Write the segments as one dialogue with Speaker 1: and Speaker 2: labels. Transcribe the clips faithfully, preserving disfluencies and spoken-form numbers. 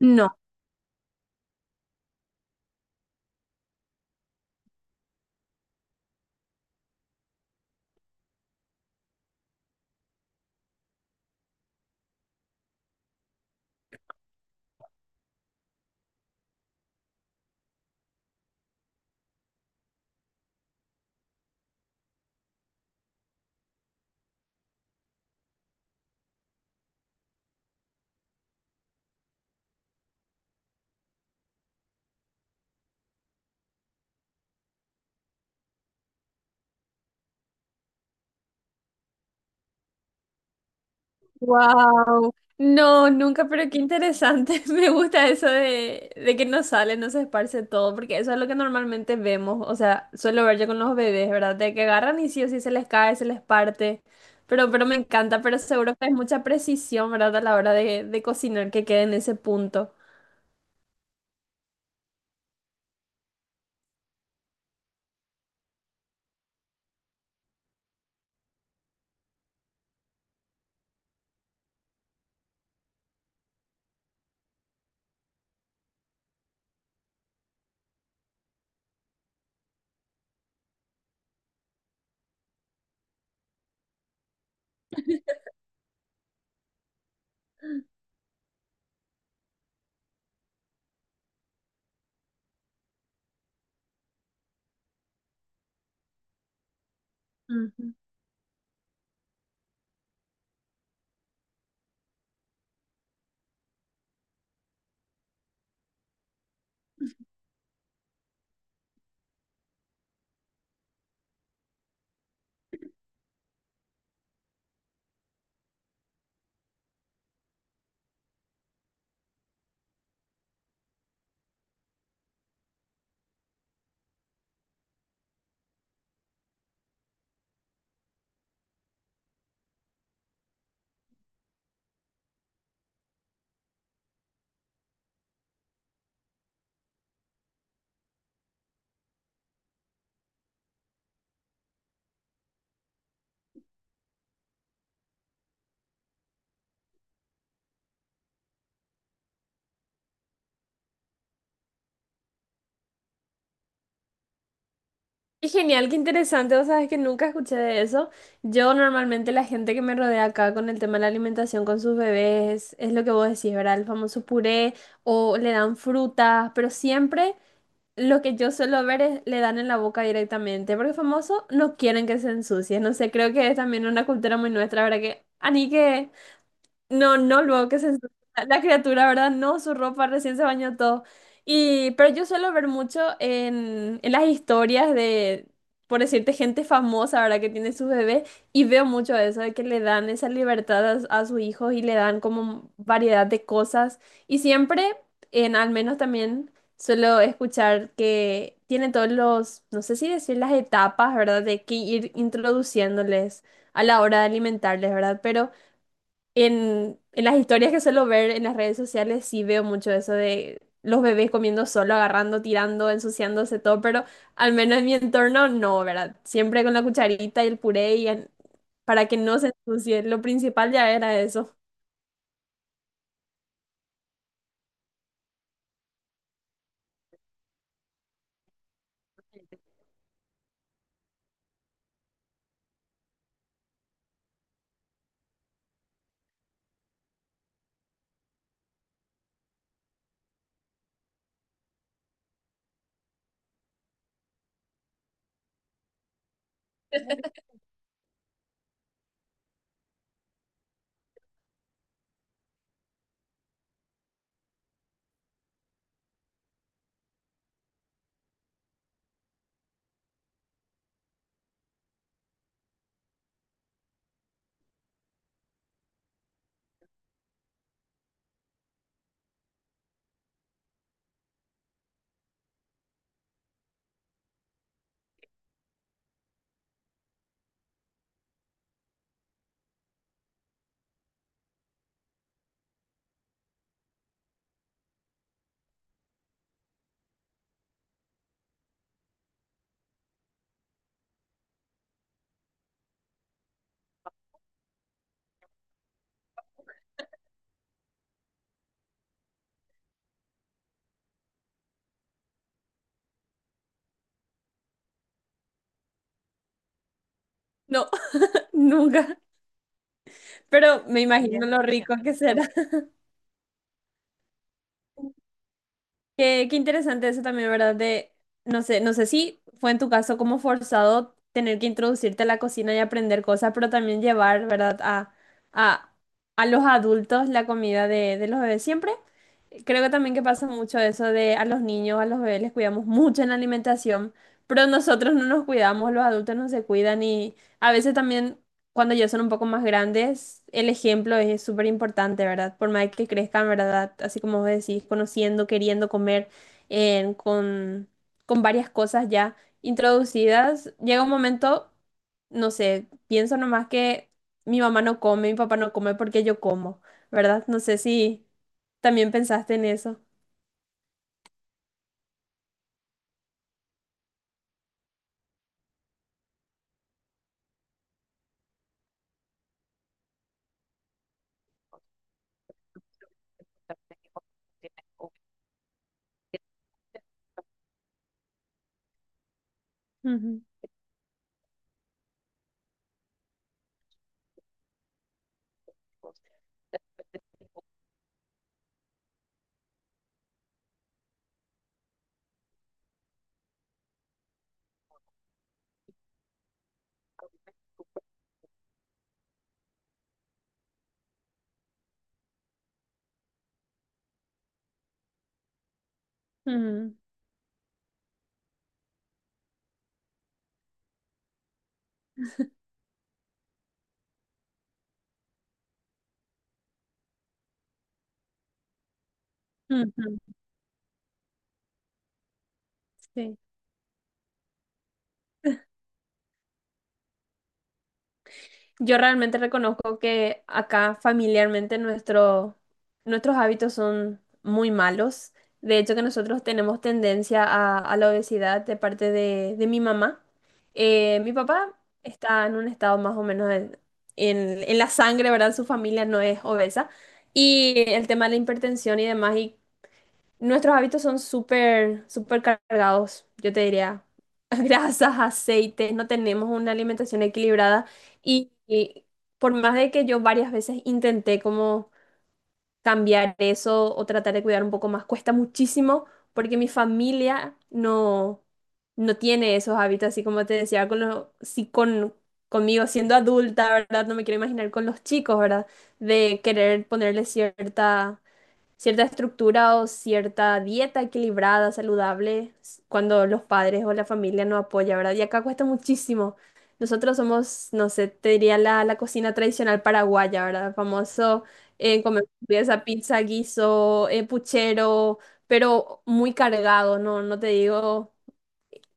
Speaker 1: No. Wow. No, nunca, pero qué interesante. Me gusta eso de, de que no sale, no se esparce todo, porque eso es lo que normalmente vemos. O sea, suelo ver yo con los bebés, ¿verdad? De que agarran y sí o sí se les cae, se les parte. Pero, pero me encanta, pero seguro que es mucha precisión, ¿verdad? A la hora de, de cocinar que quede en ese punto. Ujú. Qué genial, qué interesante. Vos sabés que nunca escuché de eso. Yo normalmente la gente que me rodea acá con el tema de la alimentación con sus bebés es lo que vos decís, ¿verdad? El famoso puré o le dan frutas, pero siempre lo que yo suelo ver es le dan en la boca directamente, porque famoso no quieren que se ensucie. No sé, creo que es también una cultura muy nuestra, ¿verdad? Que, ani que no, no, luego que se ensucia la criatura, ¿verdad? No, su ropa recién se bañó todo. Y, pero yo suelo ver mucho en, en las historias de, por decirte, gente famosa, ¿verdad? Que tiene su bebé y veo mucho eso, de que le dan esa libertad a, a sus hijos y le dan como variedad de cosas. Y siempre, en al menos también, suelo escuchar que tiene todos los, no sé si decir las etapas, ¿verdad? De que ir introduciéndoles a la hora de alimentarles, ¿verdad? Pero... En, en las historias que suelo ver en las redes sociales sí veo mucho eso de los bebés comiendo solo, agarrando, tirando, ensuciándose todo, pero al menos en mi entorno no, ¿verdad? Siempre con la cucharita y el puré y en- para que no se ensucie. Lo principal ya era eso. No, nunca. Pero me imagino lo rico que será. Qué, qué interesante eso también, ¿verdad? De, no sé, no sé si fue en tu caso como forzado tener que introducirte a la cocina y aprender cosas, pero también llevar, ¿verdad? A, a, a los adultos la comida de, de los bebés. Siempre creo que también que pasa mucho eso de a los niños, a los bebés les cuidamos mucho en la alimentación, pero nosotros no nos cuidamos, los adultos no se cuidan y a veces también cuando ya son un poco más grandes, el ejemplo es súper importante, ¿verdad? Por más que crezcan, ¿verdad? Así como vos decís, conociendo, queriendo comer, eh, con, con varias cosas ya introducidas, llega un momento, no sé, pienso nomás que mi mamá no come, mi papá no come porque yo como, ¿verdad? No sé si también pensaste en eso. Ujú, ujú, ujú, sí. Yo realmente reconozco que acá familiarmente nuestro, nuestros hábitos son muy malos. De hecho, que nosotros tenemos tendencia a, a la obesidad de parte de, de mi mamá. Eh, mi papá está en un estado más o menos en, en- en la sangre, ¿verdad? Su familia no es obesa. Y el tema de la hipertensión y demás, y nuestros hábitos son súper, súper cargados, yo te diría. Grasas, aceites, no tenemos una alimentación equilibrada y, y por más de que yo varias veces intenté como cambiar eso o tratar de cuidar un poco más, cuesta muchísimo porque mi familia no, no tiene esos hábitos, así como te decía, con los, sí, con, conmigo siendo adulta, ¿verdad? No me quiero imaginar con los chicos, ¿verdad? De querer ponerle cierta cierta estructura o cierta dieta equilibrada, saludable, s- cuando los padres o la familia no apoya, ¿verdad? Y acá cuesta muchísimo. Nosotros somos, no sé, te diría la, la cocina tradicional paraguaya, ¿verdad? Famoso, eh, comer esa pizza, guiso, eh, puchero, pero muy cargado, ¿no? No te digo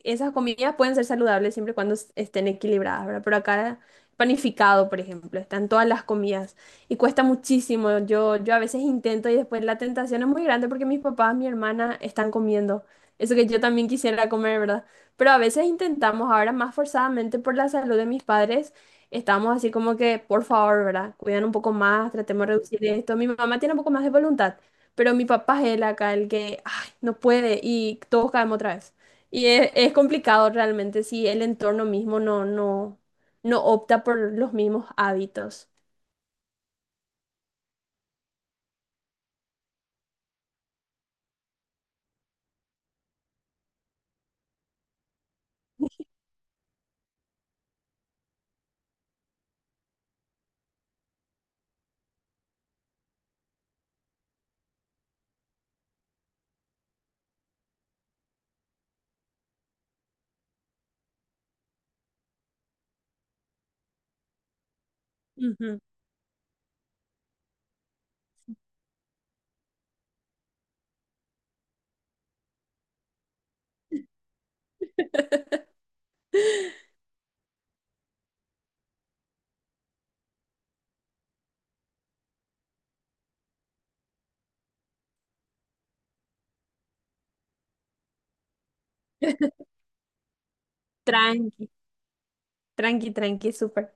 Speaker 1: esas comidas pueden ser saludables siempre y cuando es- estén equilibradas, ¿verdad? Pero acá panificado, por ejemplo, están todas las comidas y cuesta muchísimo. Yo, yo a veces intento y después la tentación es muy grande porque mis papás, mi hermana están comiendo. Eso que yo también quisiera comer, ¿verdad? Pero a veces intentamos, ahora más forzadamente por la salud de mis padres, estamos así como que, por favor, ¿verdad? Cuidan un poco más, tratemos de reducir esto. Mi mamá tiene un poco más de voluntad, pero mi papá es el acá, el que, ay, no puede y todos caemos otra vez. Y es, es complicado realmente si el entorno mismo no, no, no opta por los mismos hábitos. Ujú. Tranqui. Tranqui, tranqui, tranqui, súper.